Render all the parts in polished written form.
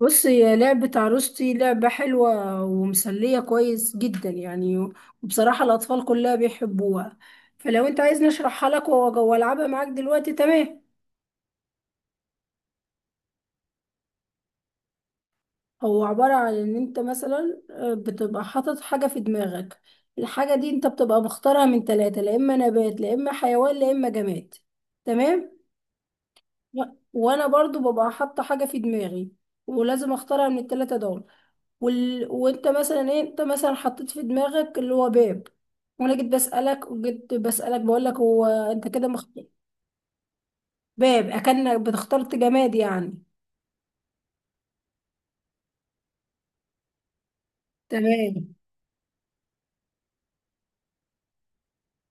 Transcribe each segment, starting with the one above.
بص هي لعبة عروستي لعبة حلوة ومسلية كويس جدا يعني، وبصراحة الأطفال كلها بيحبوها. فلو أنت عايز نشرحها لك وألعبها معاك دلوقتي تمام. هو عبارة عن إن أنت مثلا بتبقى حاطط حاجة في دماغك. الحاجة دي أنت بتبقى مختارها من ثلاثة، لا إما نبات لا إما حيوان لا إما جماد. تمام. و- وأنا برضو ببقى حاطة حاجة في دماغي ولازم أختارها من الثلاثة دول. وانت مثلا ايه، انت مثلا حطيت في دماغك اللي هو باب، وانا جيت بسألك وجيت بسألك بقول لك هو انت كده مختار باب، اكنك بتخترت جماد يعني. تمام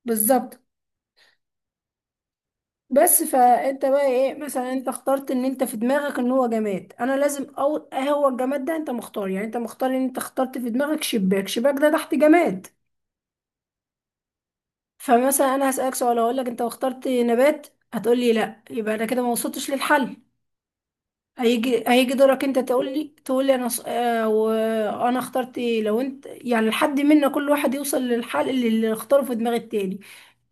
بالظبط. بس فانت بقى ايه، مثلا انت اخترت ان انت في دماغك ان هو جماد، انا لازم او هو الجماد ده انت مختار، يعني انت مختار ان انت اخترت في دماغك شباك، شباك ده تحت جماد. فمثلا انا هسألك سؤال، اقول لك انت اخترت نبات، هتقول لي لا، يبقى انا كده ما وصلتش للحل. هيجي دورك، انت تقول لي انا ص... آه وانا اخترت ايه، لو انت يعني لحد منا كل واحد يوصل للحل اللي اختاره في دماغ التاني.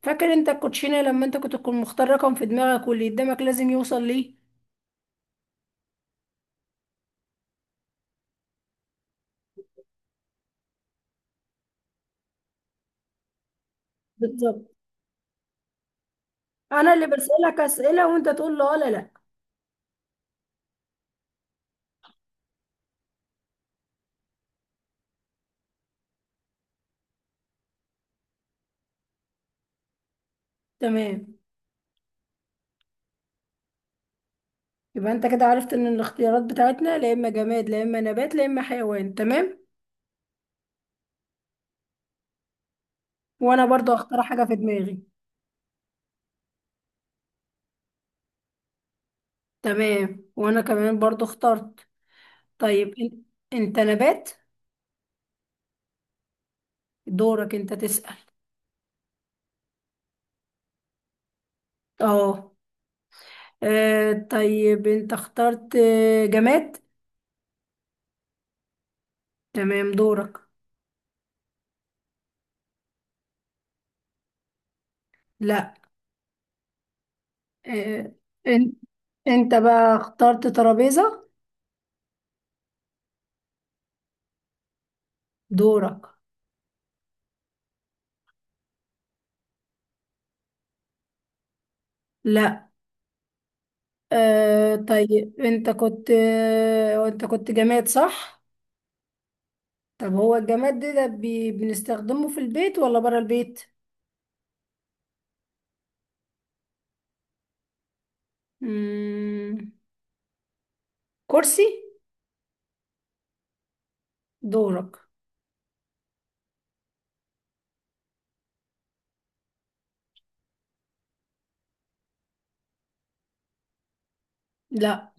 فاكر انت الكوتشينه لما انت كنت تكون مختار رقم في دماغك واللي قدامك لازم يوصل ليه. بالظبط. انا اللي بسألك اسئله وانت تقول لي اه، لا لا. تمام. يبقى انت كده عرفت ان الاختيارات بتاعتنا لا اما جماد لا اما نبات لا اما حيوان. تمام. وانا برضو اختار حاجه في دماغي. تمام، وانا كمان برضو اخترت. طيب انت نبات؟ دورك انت تسأل. اه. طيب انت اخترت جماد؟ تمام دورك. لا. آه، آه، ان- انت بقى اخترت ترابيزة؟ دورك. لا. طيب انت كنت، انت كنت جماد صح؟ طب هو الجماد ده بنستخدمه في البيت ولا برا البيت؟ مم. كرسي؟ دورك. لا.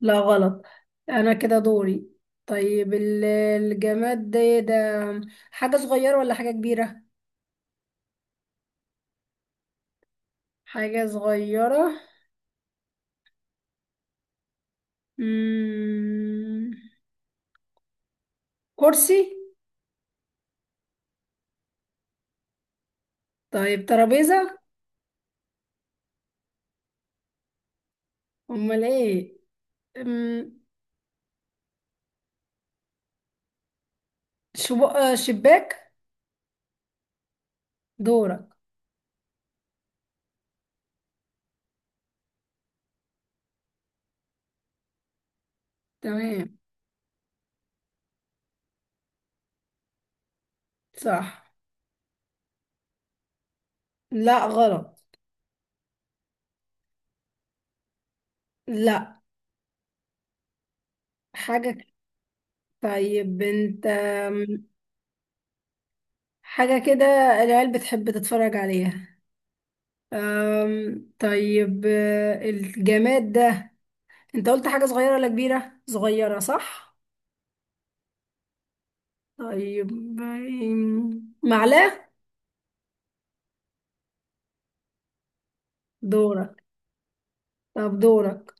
لا غلط. انا كده دوري. طيب الجماد ده إيه ده؟ حاجة صغيرة ولا حاجة كبيرة؟ حاجة صغيرة. مم... كرسي؟ طيب ترابيزة؟ امال ايه؟ مم... شب... آه، شباك؟ دورك. تمام صح. لا غلط. لا حاجة طيب انت، حاجة كده العيال بتحب تتفرج عليها. طيب الجماد ده، انت قلت حاجة صغيرة ولا كبيرة؟ صغيرة صح؟ طيب معلقة؟ دورك. طب دورك.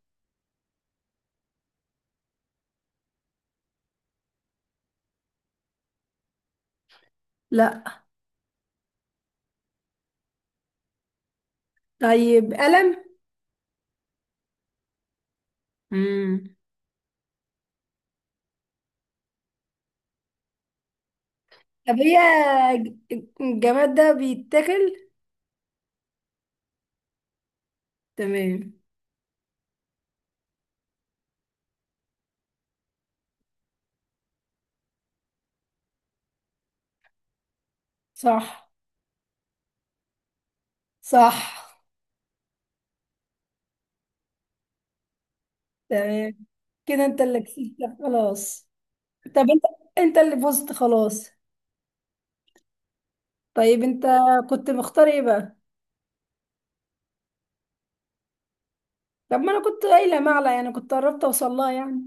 لا. طيب قلم؟ امم طب هي ج- الجماد ده بيتاكل؟ تمام. صح. صح تمام. كده انت اللي كسبت خلاص. طب انت اللي فزت خلاص. طيب انت كنت مختار ايه بقى؟ طب ما انا كنت قايلة معلقة يعني، كنت قربت اوصل لها يعني.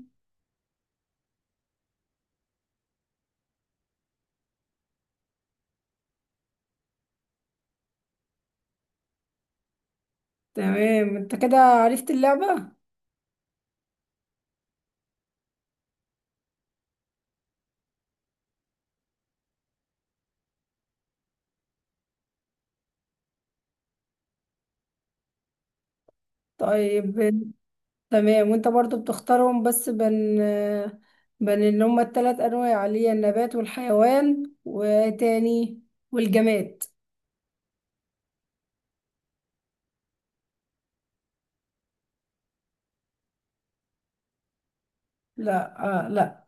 تمام. انت كده عرفت اللعبة؟ طيب تمام. وانت برضو بتختارهم بس بين اللي هما التلات انواع اللي هي النبات والحيوان والجماد. لا، آه، لا.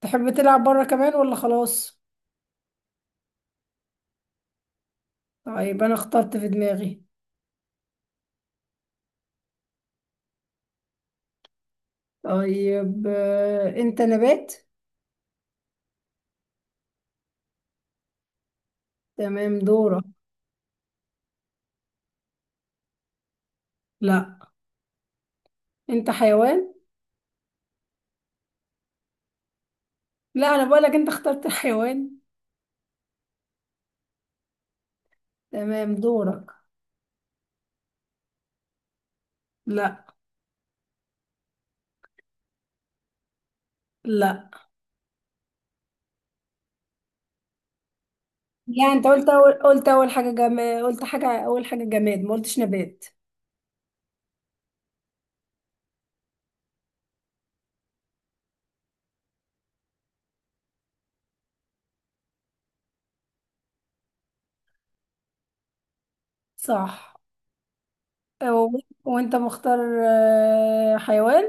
تحب تلعب بره كمان ولا خلاص؟ طيب انا اخترت في دماغي. طيب انت نبات؟ تمام دورك. لا، انت حيوان. لا انا بقولك انت اخترت الحيوان. تمام دورك. لا لا لا. انت قلت اول حاجة جماد، قلت حاجة اول حاجة جماد، ما قلتش نبات. صح. وانت مختار حيوان؟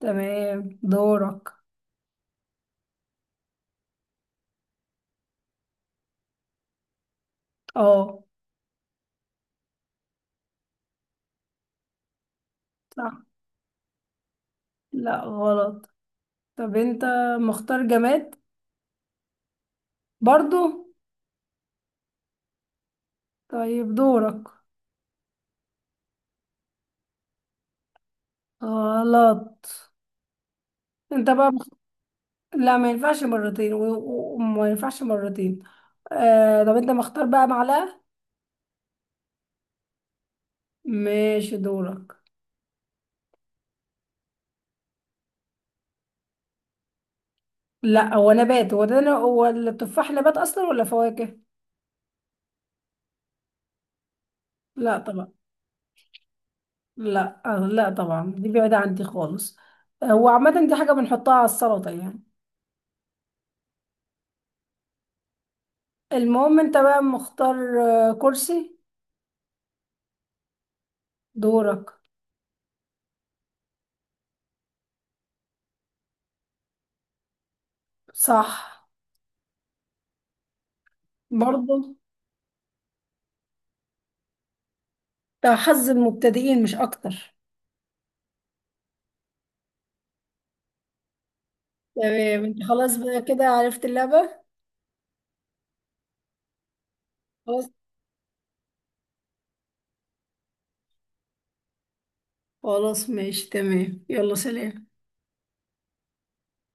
تمام دورك. اه. صح. لا غلط. طب انت مختار جماد برضو؟ طيب دورك. غلط. انت بقى لا ما ينفعش مرتين، وما ينفعش مرتين. طب انت مختار بقى معلقة؟ ماشي دورك. لا هو نبات، هو ده، هو التفاح نبات اصلا ولا فواكه؟ لا طبعا. لا، لا طبعا، دي بعيدة عندي خالص. هو عامة دي حاجة بنحطها على السلطة يعني. المهم انت بقى مختار كرسي؟ دورك. صح برضو. ده حظ المبتدئين مش اكتر. تمام انت خلاص بقى كده عرفت اللعبة. خلاص. خلاص ماشي تمام، يلا سلام.